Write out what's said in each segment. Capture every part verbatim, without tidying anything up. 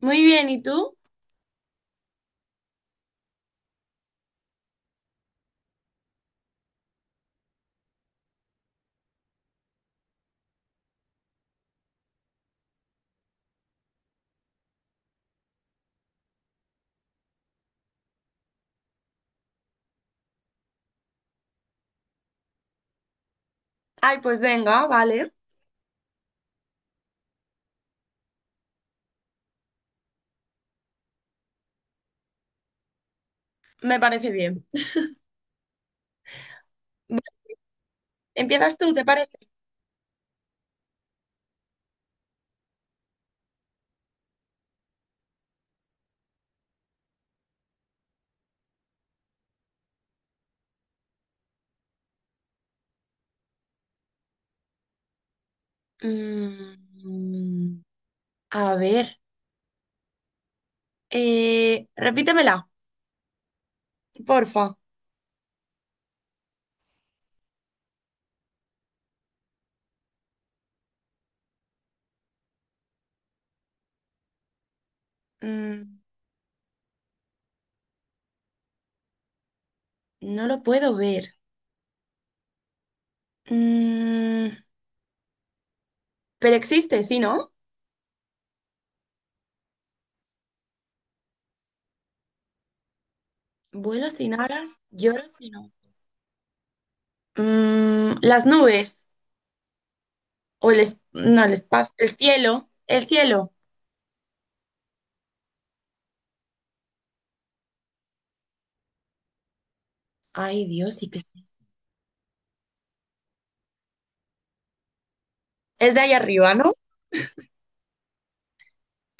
Muy bien, ¿y tú? Ay, pues venga, vale. Me parece bien. Bueno, ¿empiezas tú, te parece? Mm, a ver, eh, repítemela, porfa. Mm, no lo puedo ver. Mm, pero existe, ¿sí, no? Vuelo sin alas, lloro sin no. Las nubes. O el, es- no, el espacio, el cielo, el cielo. Ay, Dios, sí que sí. Es de ahí arriba, ¿no?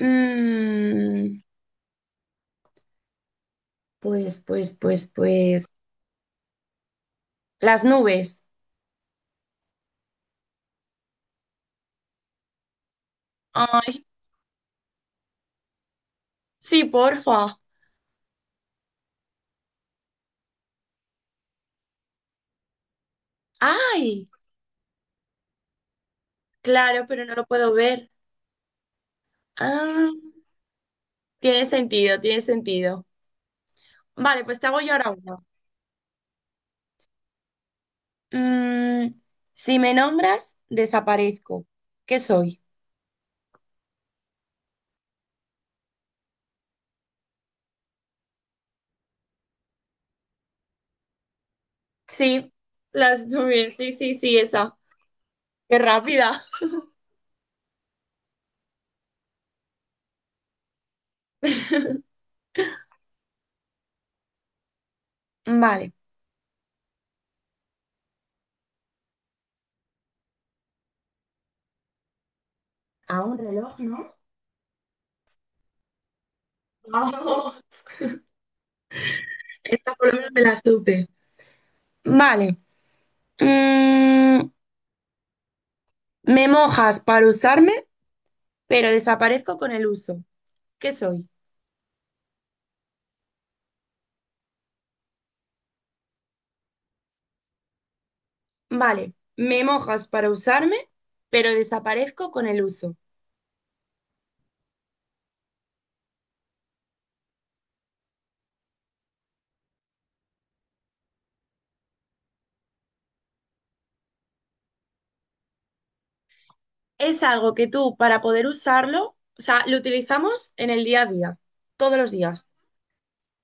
Mm, pues, pues, pues, pues. Las nubes. Ay, sí, porfa. Ay, claro, pero no lo puedo ver. Ah, tiene sentido, tiene sentido. Vale, pues te hago yo ahora una. Mm, si me nombras, desaparezco. ¿Qué soy? Sí, las nubes. Sí, sí, sí, esa. Qué rápida. Vale. ¿A un reloj, no? Vamos. Esta por lo menos me la supe. Vale. Mm, Me mojas para usarme, pero desaparezco con el uso. ¿Qué soy? Vale, me mojas para usarme, pero desaparezco con el uso. Es algo que tú, para poder usarlo, o sea, lo utilizamos en el día a día, todos los días.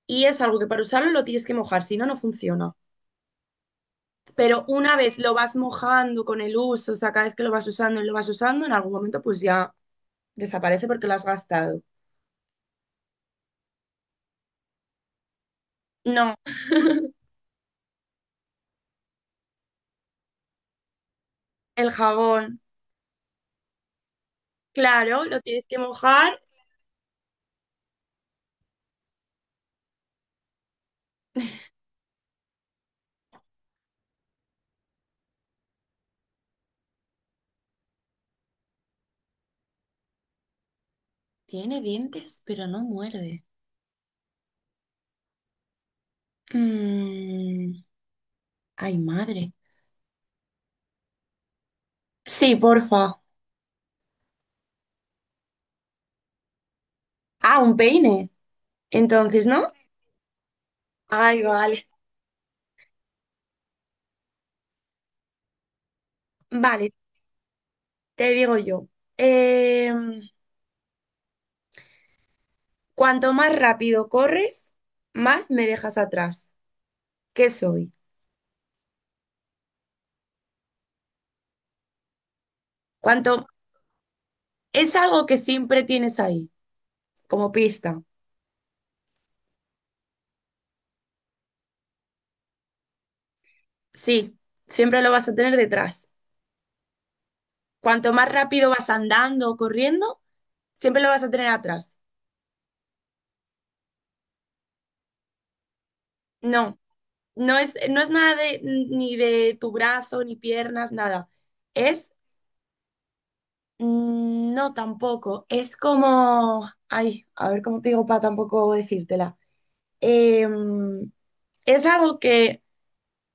Y es algo que para usarlo lo tienes que mojar, si no, no funciona. Pero una vez lo vas mojando con el uso, o sea, cada vez que lo vas usando y lo vas usando, en algún momento pues ya desaparece porque lo has gastado. No, el jabón, claro, lo tienes que mojar. Tiene dientes, pero no muerde. Mm, ay, madre. Sí, porfa. Ah, un peine. Entonces, ¿no? Ay, vale. Vale, te digo yo. Em, cuanto más rápido corres, más me dejas atrás. ¿Qué soy? Cuanto es algo que siempre tienes ahí, como pista. Sí, siempre lo vas a tener detrás. Cuanto más rápido vas andando o corriendo, siempre lo vas a tener atrás. No, no es, no es nada de, ni de tu brazo, ni piernas, nada. Es Mm, no, tampoco. Es como, ay, a ver cómo te digo para tampoco decírtela. Em, es algo que,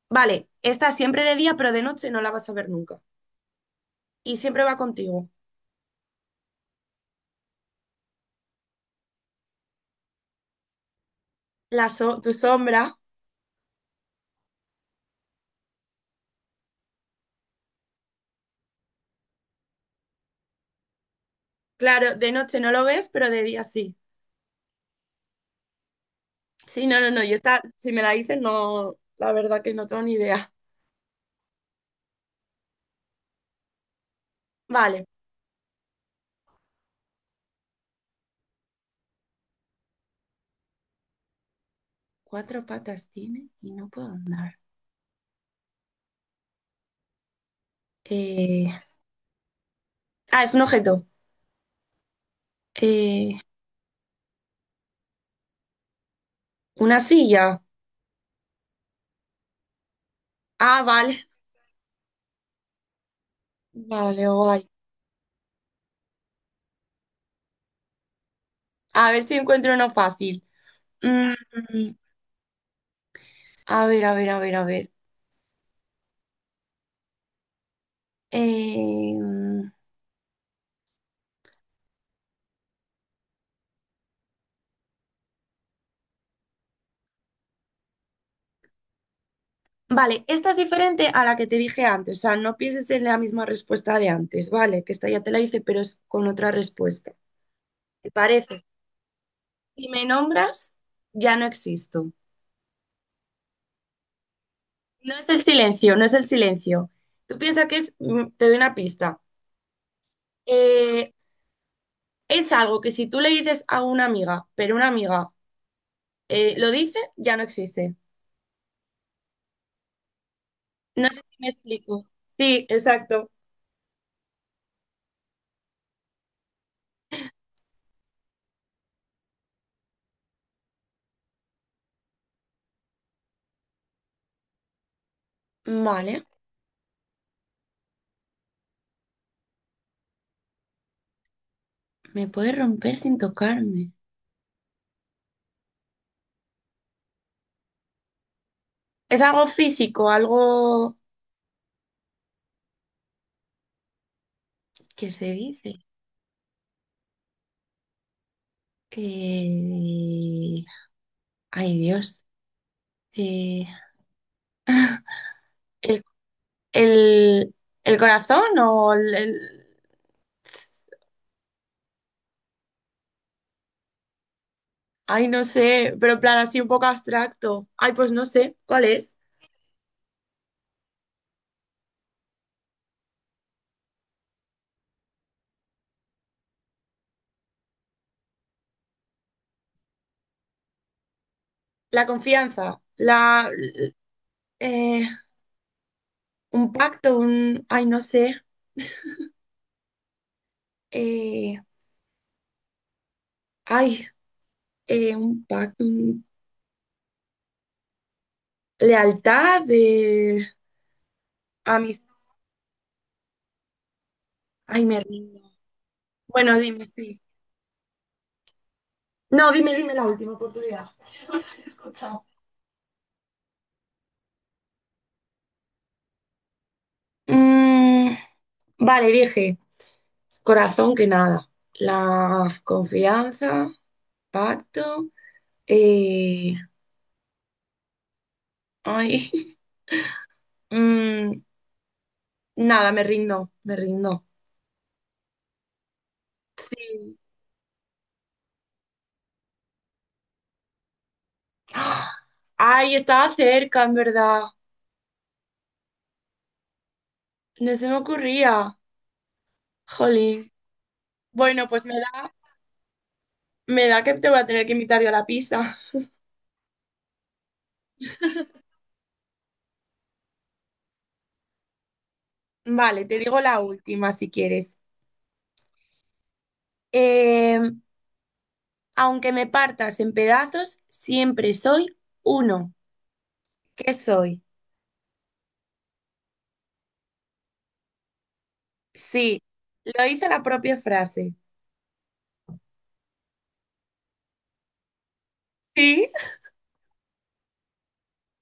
vale, está siempre de día, pero de noche no la vas a ver nunca. Y siempre va contigo. La so- tu sombra, claro, de noche no lo ves, pero de día sí. Sí, no, no, no. Yo esta, si me la dices, no, la verdad que no tengo ni idea. Vale. Cuatro patas tiene y no puedo andar. Eh, Ah, es un objeto. Eh, una silla. Ah, vale. Vale, guay. A ver si encuentro uno fácil. Mm, a ver, a ver, a ver, a ver. Eh, vale, esta es diferente a la que te dije antes. O sea, no pienses en la misma respuesta de antes, ¿vale? Que esta ya te la hice, pero es con otra respuesta. ¿Te parece? Si me nombras, ya no existo. No es el silencio, no es el silencio. Tú piensas que es, mm, te doy una pista. Eh, es algo que si tú le dices a una amiga, pero una amiga eh, lo dice, ya no existe. No sé si me explico. Sí, exacto. Vale, me puede romper sin tocarme. Es algo físico, algo que se dice. Eh, Ay, Dios. Eh, ¿El, el- el corazón o el... el- Ay, no sé, pero en plan así un poco abstracto. Ay, pues no sé, ¿cuál es? La confianza, la... eh, un pacto, un... Ay, no sé. Eh, Ay, eh, un pacto, un lealtad, de amistad. Ay, me rindo. Bueno, dime, sí. No, dime, dime la última oportunidad. No te he escuchado. Mm, vale, dije, corazón que nada. La confianza, pacto. eh, ay, mm, nada, me rindo, me rindo. Sí. ¡Ah! Ay, estaba cerca, en verdad. No se me ocurría. Jolín. Bueno, pues me da, me da que te voy a tener que invitar yo a la pizza. Vale, te digo la última si quieres. Eh, aunque me partas en pedazos, siempre soy uno. ¿Qué soy? Sí, lo hice la propia frase. Sí,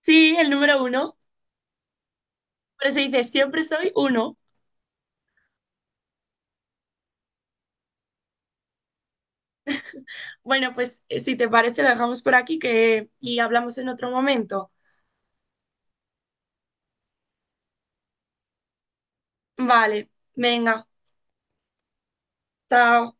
sí, el número uno. Pero se dice siempre soy uno. Bueno, pues eh, si te parece, lo dejamos por aquí que... y hablamos en otro momento. Vale, venga, chao.